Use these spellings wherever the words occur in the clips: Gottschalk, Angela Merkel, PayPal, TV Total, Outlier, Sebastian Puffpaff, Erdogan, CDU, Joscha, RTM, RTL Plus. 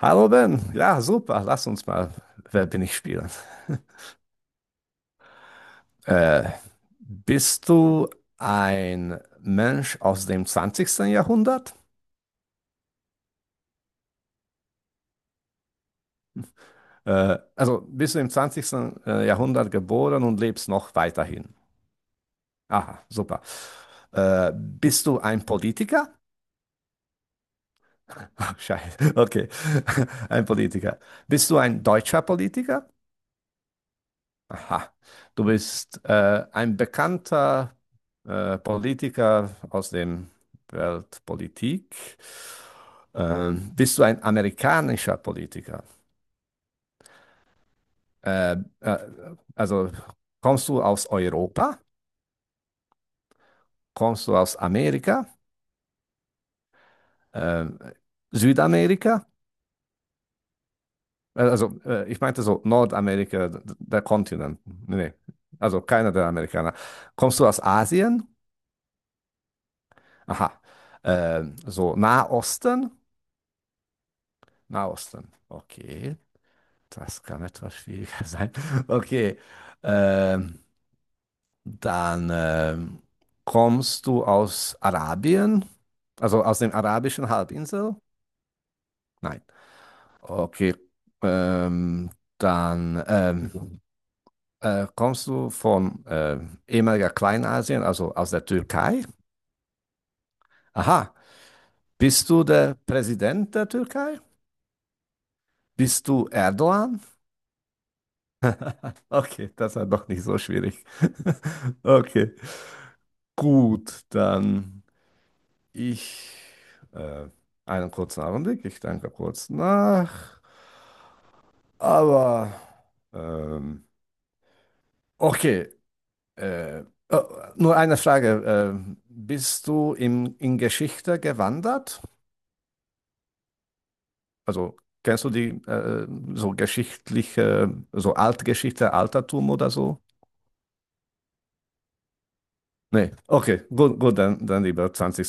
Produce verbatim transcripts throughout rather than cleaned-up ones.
Hallo Ben, ja super, lass uns mal Wer bin ich spielen. Äh, Bist du ein Mensch aus dem zwanzigsten Jahrhundert? Äh, also bist du im zwanzigsten äh, Jahrhundert geboren und lebst noch weiterhin? Aha, super. Äh, bist du ein Politiker? Scheiße, okay, ein Politiker. Bist du ein deutscher Politiker? Aha, du bist äh, ein bekannter äh, Politiker aus der Weltpolitik. Ähm, bist du ein amerikanischer Politiker? Äh, äh, also kommst du aus Europa? Kommst du aus Amerika? Äh, Südamerika? Äh, Also äh, ich meinte so Nordamerika, d- der Kontinent. Nee, nee, also keiner der Amerikaner. Kommst du aus Asien? Aha, äh, so Nahosten? Nahosten. Okay, das kann etwas schwieriger sein. Okay, ähm, dann ähm, kommst du aus Arabien, also aus den arabischen Halbinsel? Nein. Okay, ähm, dann ähm, äh, kommst du von ähm, ehemaliger Kleinasien, also aus der Türkei? Aha, bist du der Präsident der Türkei? Bist du Erdogan? Okay, das war doch nicht so schwierig. Okay. Gut, dann ich äh, einen kurzen Augenblick, ich denke kurz nach. Aber ähm, okay, äh, oh, nur eine Frage. Äh, bist du in, in Geschichte gewandert? Also kennst du die äh, so geschichtliche, so Altgeschichte, Altertum oder so? Nee, okay, gut, gut, dann, dann lieber zwanzig.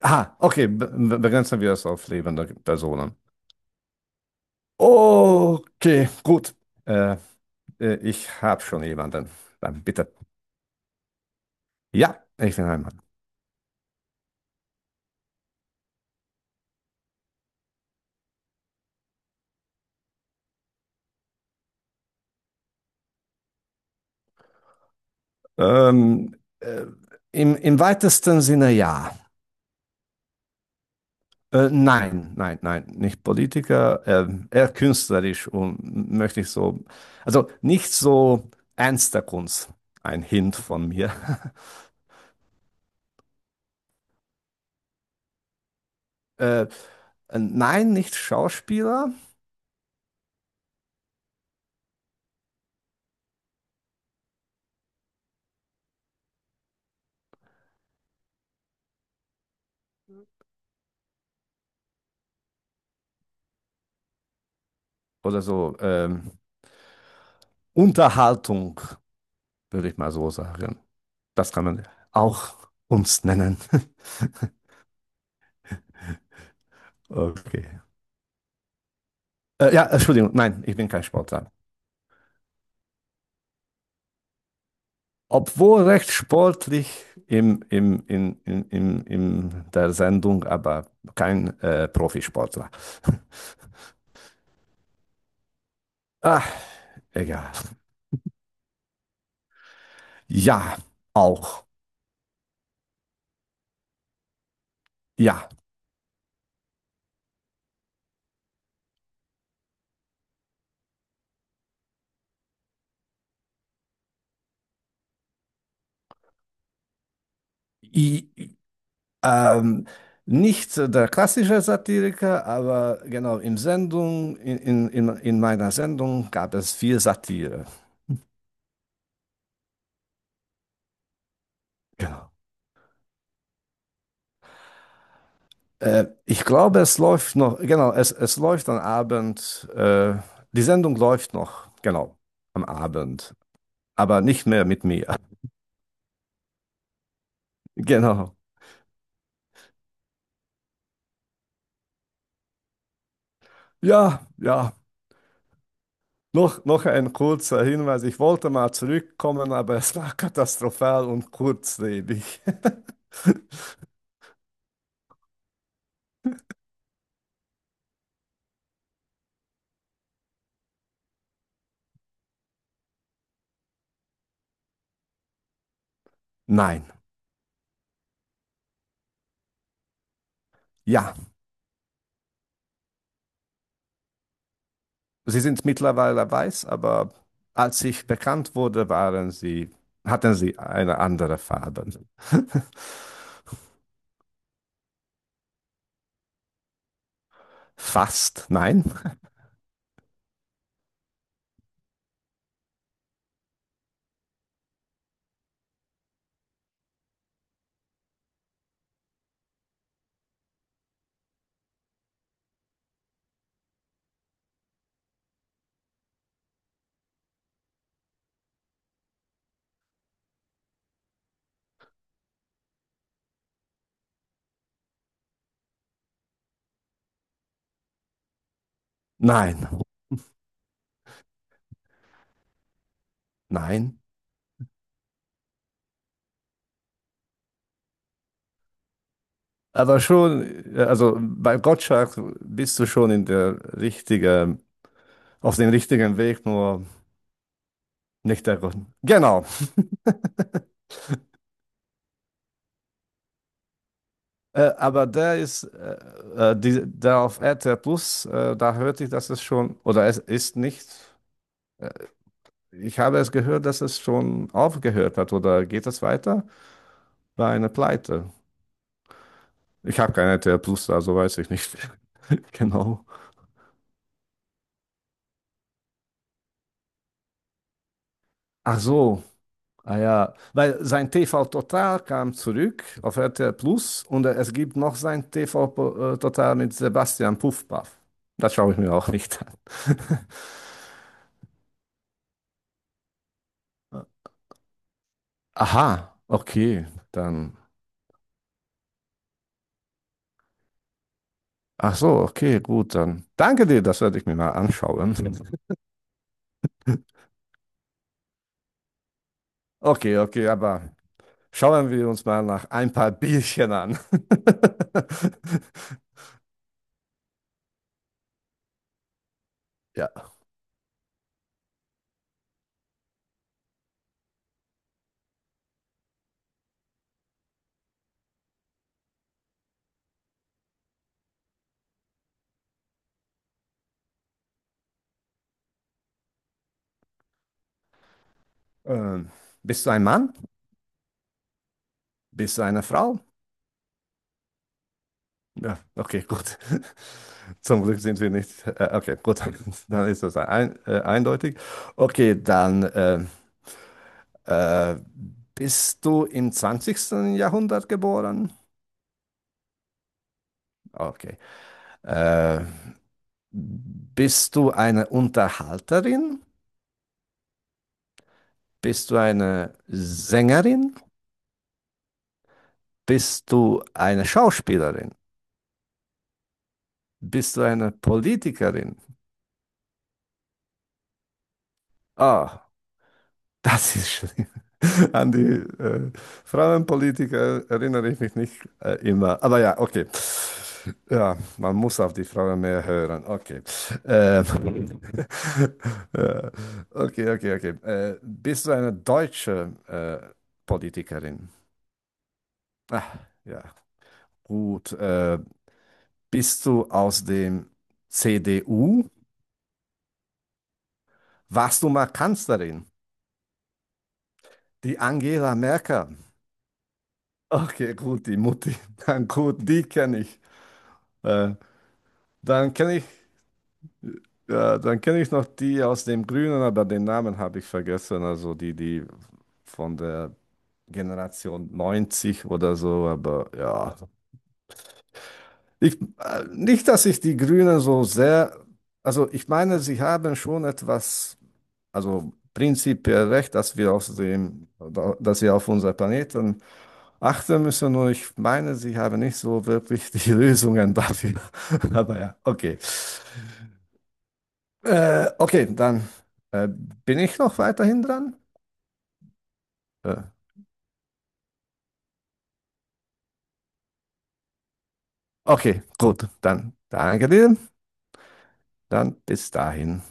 Ah, okay, be be- begrenzen wir es auf lebende Personen. Okay, gut. Äh, äh, Ich habe schon jemanden. Dann bitte. Ja, ich bin ein Mann. Ähm, äh, Im, im weitesten Sinne ja. Äh, nein, nein, nein, nicht Politiker, ähm, eher künstlerisch und möchte ich so, also nicht so ernster Kunst. Ein Hint von mir. Äh, äh, nein, nicht Schauspieler oder so. Ähm, Unterhaltung, würde ich mal so sagen. Das kann man auch Kunst nennen. Okay. Äh, ja, Entschuldigung, nein, ich bin kein Sportler. Obwohl recht sportlich im, im, in, in, in, in der Sendung, aber kein äh, Profisportler. Ah, egal. Ja, auch. Ja. I, i- ähm, Nicht der klassische Satiriker, aber genau im Sendung, in, in, in in meiner Sendung gab es viel Satire. Genau. Äh, ich glaube, es läuft noch, genau, es, es läuft am Abend, äh, die Sendung läuft noch, genau, am Abend, aber nicht mehr mit mir. Genau. Ja, ja. Noch, noch ein kurzer Hinweis. Ich wollte mal zurückkommen, aber es war katastrophal und kurzlebig. Nein, ja, sie sind mittlerweile weiß, aber als ich bekannt wurde, waren sie, hatten sie eine andere Farbe. Fast, nein, nein, nein. Aber schon, äh, also bei Gottschalk bist du schon in der richtigen, auf dem richtigen Weg, nur nicht der Grund. Genau. Äh, aber der ist, äh, äh, die, der auf R T L Plus, äh, da hörte ich, dass es schon, oder es ist nicht, äh, ich habe es gehört, dass es schon aufgehört hat, oder geht es weiter? Bei einer Pleite. Ich habe kein R T L Plus, also weiß ich nicht. Genau. Ach so. Ah ja, weil sein T V Total kam zurück auf R T L Plus und äh, es gibt noch sein T V po- äh, Total mit Sebastian Puffpaff. Das schaue ich mir auch nicht an. Aha, okay, dann. Ach so, okay, gut, dann. Danke dir, das werde ich mir mal anschauen. Okay, okay, aber schauen wir uns mal nach ein paar Bierchen an. Ja. Ähm, bist du ein Mann? Bist du eine Frau? Ja, okay, gut. Zum Glück sind wir nicht. Äh, okay, gut, dann, dann ist das ein, äh, eindeutig. Okay, dann ähm, äh, bist du im zwanzigsten Jahrhundert geboren? Okay. Äh, Bist du eine Unterhalterin? Bist du eine Sängerin? Bist du eine Schauspielerin? Bist du eine Politikerin? Ah, das ist schlimm. An die äh, Frauenpolitiker erinnere ich mich nicht äh, immer. Aber ja, okay. Ja, man muss auf die Frauen mehr hören. Okay. Ähm, äh, okay, okay, okay. Äh, bist du eine deutsche äh, Politikerin? Ah, ja, gut. Äh, bist du aus dem C D U? Warst du mal Kanzlerin? Die Angela Merkel. Okay, gut, die Mutti. Dann gut, die kenne ich. Äh, dann kenne ich, äh, Dann kenne ich noch die aus dem Grünen, aber den Namen habe ich vergessen. Also die, die von der Generation neunzig oder so. Aber ja, ich, äh, nicht, dass ich die Grünen so sehr, also ich meine, sie haben schon etwas, also prinzipiell recht, dass wir auf dem, dass wir auf unser Planeten achten müssen. Und ich meine, sie haben nicht so wirklich die Lösungen dafür. Aber ja, okay. Äh, okay, dann äh, bin ich noch weiterhin dran. Äh, okay, gut, dann danke dir. Dann bis dahin.